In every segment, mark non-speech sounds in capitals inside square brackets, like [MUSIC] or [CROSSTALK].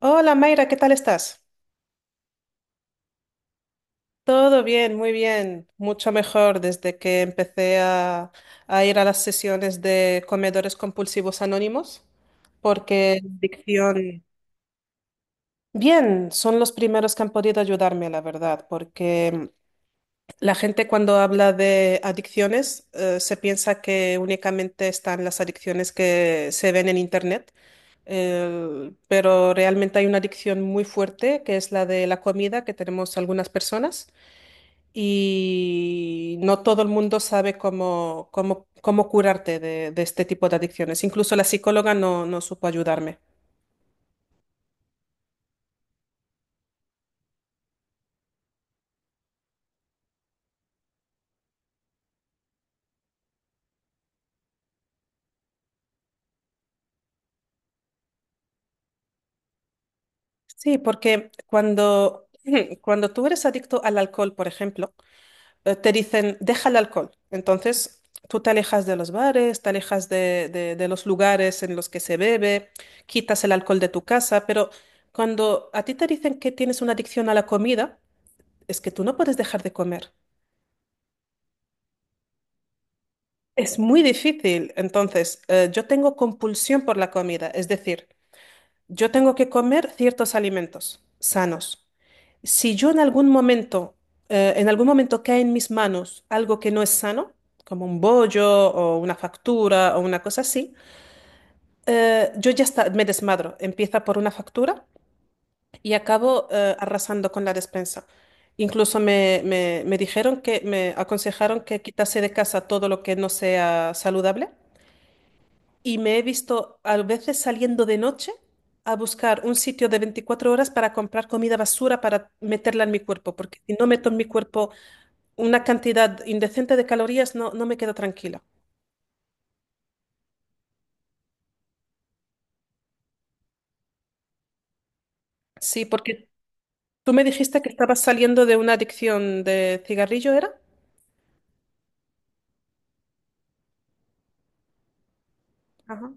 Hola Mayra, ¿qué tal estás? Todo bien, muy bien, mucho mejor desde que empecé a ir a las sesiones de comedores compulsivos anónimos, porque la adicción. Bien, son los primeros que han podido ayudarme, la verdad, porque la gente cuando habla de adicciones se piensa que únicamente están las adicciones que se ven en Internet. Pero realmente hay una adicción muy fuerte, que es la de la comida que tenemos algunas personas. Y no todo el mundo sabe cómo curarte de este tipo de adicciones. Incluso la psicóloga no, no supo ayudarme. Sí, porque cuando, [CLEARS THROAT] cuando tú eres adicto al alcohol, por ejemplo, te dicen, deja el alcohol. Entonces, tú te alejas de los bares, te alejas de los lugares en los que se bebe, quitas el alcohol de tu casa, pero cuando a ti te dicen que tienes una adicción a la comida, es que tú no puedes dejar de comer. Es muy difícil. Entonces, yo tengo compulsión por la comida, es decir, yo tengo que comer ciertos alimentos sanos. Si yo en algún momento cae en mis manos algo que no es sano, como un bollo o una factura o una cosa así, yo ya está, me desmadro. Empieza por una factura y acabo, arrasando con la despensa. Incluso me dijeron que me aconsejaron que quitase de casa todo lo que no sea saludable. Y me he visto a veces saliendo de noche a buscar un sitio de 24 horas para comprar comida basura para meterla en mi cuerpo, porque si no meto en mi cuerpo una cantidad indecente de calorías, no, no me quedo tranquila. Sí, porque tú me dijiste que estabas saliendo de una adicción de cigarrillo, ¿era? Ajá.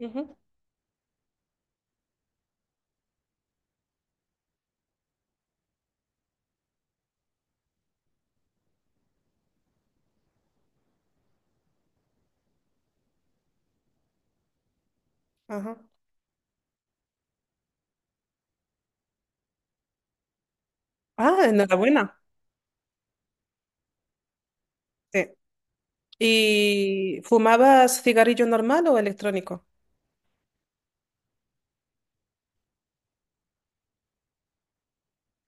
Ujú. Ajá. Ah, enhorabuena. Sí. ¿Y fumabas cigarrillo normal o electrónico?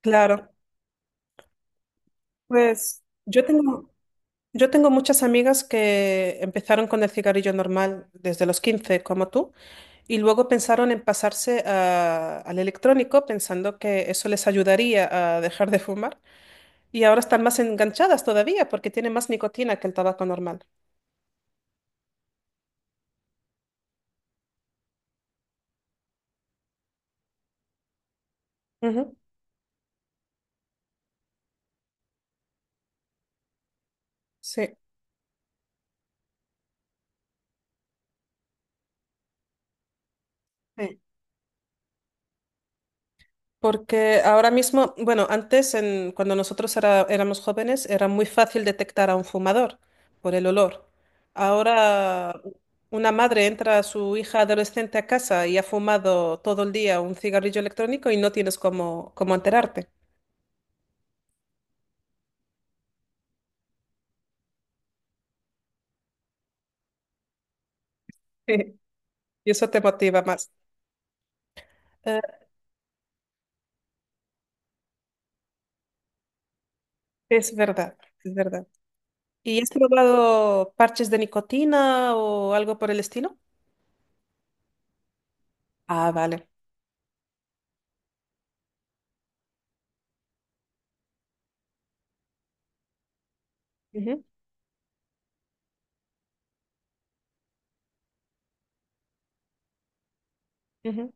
Claro. Pues yo tengo. Yo tengo muchas amigas que empezaron con el cigarrillo normal desde los 15, como tú, y luego pensaron en pasarse al electrónico pensando que eso les ayudaría a dejar de fumar. Y ahora están más enganchadas todavía porque tiene más nicotina que el tabaco normal. Ujú. Sí. Sí. Porque ahora mismo, bueno, antes cuando nosotros éramos jóvenes era muy fácil detectar a un fumador por el olor. Ahora una madre entra a su hija adolescente a casa y ha fumado todo el día un cigarrillo electrónico y no tienes cómo enterarte. [LAUGHS] Y eso te motiva más. Eh, es verdad, es verdad. ¿Y has probado parches de nicotina o algo por el estilo? Ah, vale. Ujú, ujú.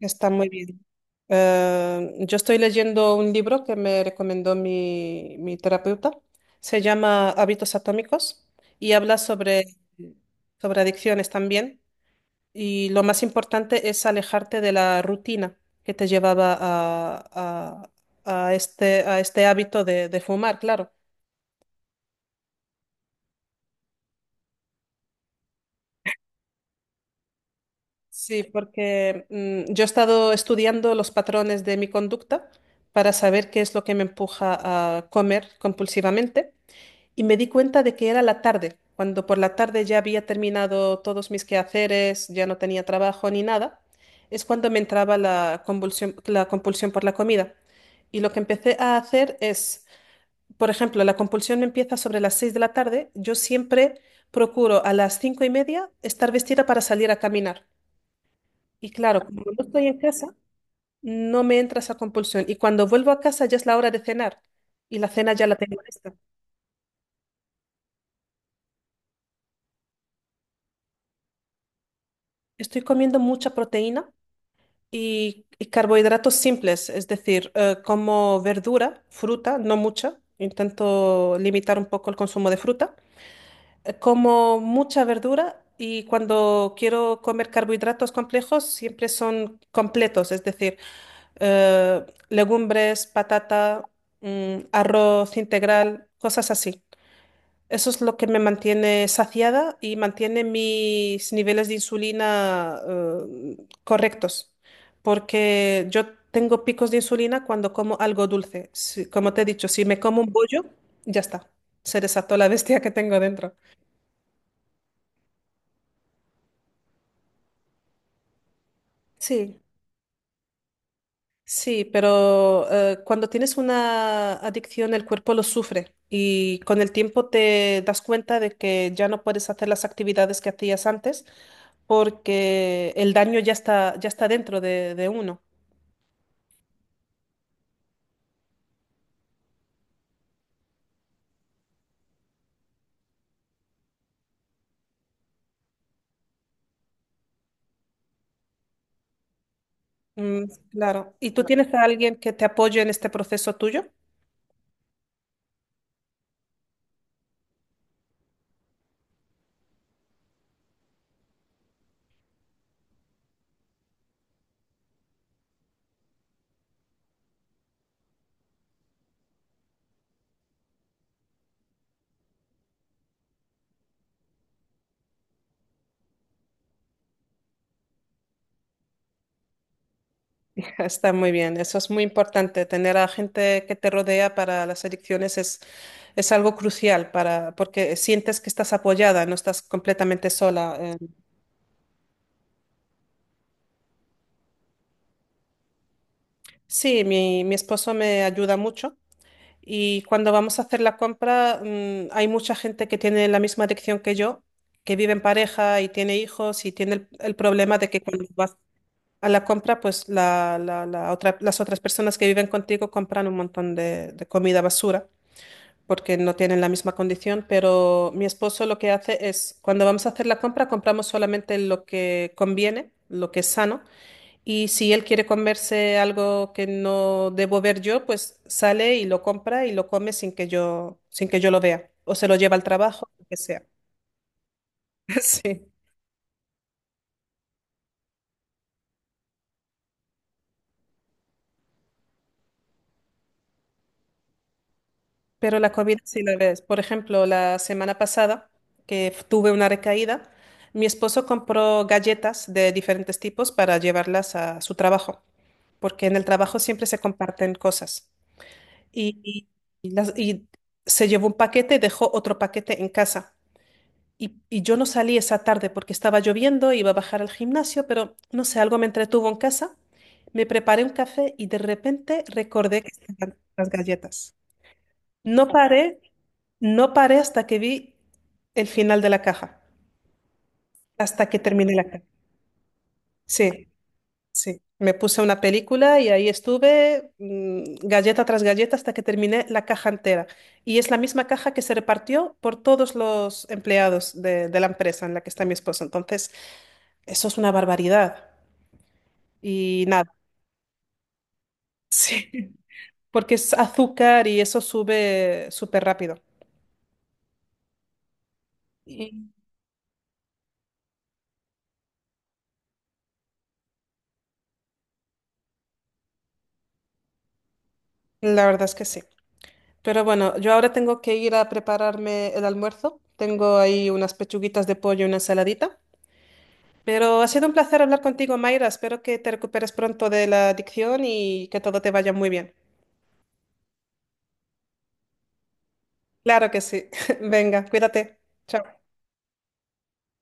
Está muy bien. Yo estoy leyendo un libro que me recomendó mi terapeuta. Se llama Hábitos Atómicos y habla sobre adicciones también. Y lo más importante es alejarte de la rutina que te llevaba a este hábito de fumar, claro. Sí, porque yo he estado estudiando los patrones de mi conducta para saber qué es lo que me empuja a comer compulsivamente. Y me di cuenta de que era la tarde, cuando por la tarde ya había terminado todos mis quehaceres, ya no tenía trabajo ni nada, es cuando me entraba la convulsión, la compulsión por la comida. Y lo que empecé a hacer es, por ejemplo, la compulsión me empieza sobre las 6 de la tarde, yo siempre procuro a las 5:30 estar vestida para salir a caminar. Y claro, como no estoy en casa, no me entra esa compulsión. Y cuando vuelvo a casa ya es la hora de cenar y la cena ya la tengo lista. Estoy comiendo mucha proteína y carbohidratos simples, es decir, como verdura, fruta, no mucha, intento limitar un poco el consumo de fruta, como mucha verdura y cuando quiero comer carbohidratos complejos siempre son completos, es decir, legumbres, patata, arroz integral, cosas así. Eso es lo que me mantiene saciada y mantiene mis niveles de insulina correctos, porque yo tengo picos de insulina cuando como algo dulce. Como te he dicho, si me como un bollo, ya está, se desató la bestia que tengo dentro. Sí. Sí, pero cuando tienes una adicción el cuerpo lo sufre y con el tiempo te das cuenta de que ya no puedes hacer las actividades que hacías antes porque el daño ya está dentro de uno. Mm, claro. ¿Y tú tienes a alguien que te apoye en este proceso tuyo? [LAUGHS] Está muy bien, eso es muy importante. Tener a gente que te rodea para las adicciones es algo crucial para, porque sientes que estás apoyada, no estás completamente sola. Sí, mi esposo me ayuda mucho y cuando vamos a hacer la compra, hay mucha gente que tiene la misma adicción que yo, que vive en pareja y tiene hijos y tiene el problema de que cuando vas a la compra, pues las otras personas que viven contigo compran un montón de comida basura porque no tienen la misma condición, pero mi esposo lo que hace es, cuando vamos a hacer la compra, compramos solamente lo que conviene, lo que es sano y si él quiere comerse algo que no debo ver yo, pues sale y lo compra y lo come sin que yo lo vea. O se lo lleva al trabajo, lo que sea. [LAUGHS] Sí. Pero la comida sí la ves. Por ejemplo, la semana pasada, que tuve una recaída, mi esposo compró galletas de diferentes tipos para llevarlas a su trabajo, porque en el trabajo siempre se comparten cosas. Y, y- y se llevó un paquete y dejó otro paquete en casa. Y yo no salí esa tarde porque estaba lloviendo, iba a bajar al gimnasio, pero no sé, algo me entretuvo en casa. Me preparé un café y de repente recordé que estaban las galletas. No paré, no paré hasta que vi el final de la caja, hasta que terminé la caja. Sí, sí. Me puse una película y ahí estuve, galleta tras galleta, hasta que terminé la caja entera. Y es la misma caja que se repartió por todos los empleados de la empresa en la que está mi esposo. Entonces, eso es una barbaridad. Y nada, [LAUGHS] sí, porque es azúcar y eso sube súper rápido. y La verdad es que sí. Pero bueno, yo ahora tengo que ir a prepararme el almuerzo. Tengo ahí unas pechuguitas de pollo y una ensaladita. Pero ha sido un placer hablar contigo, Mayra. Espero que te recuperes pronto de la adicción y que todo te vaya muy bien. Claro que sí. [LAUGHS] Venga, cuídate. Chao.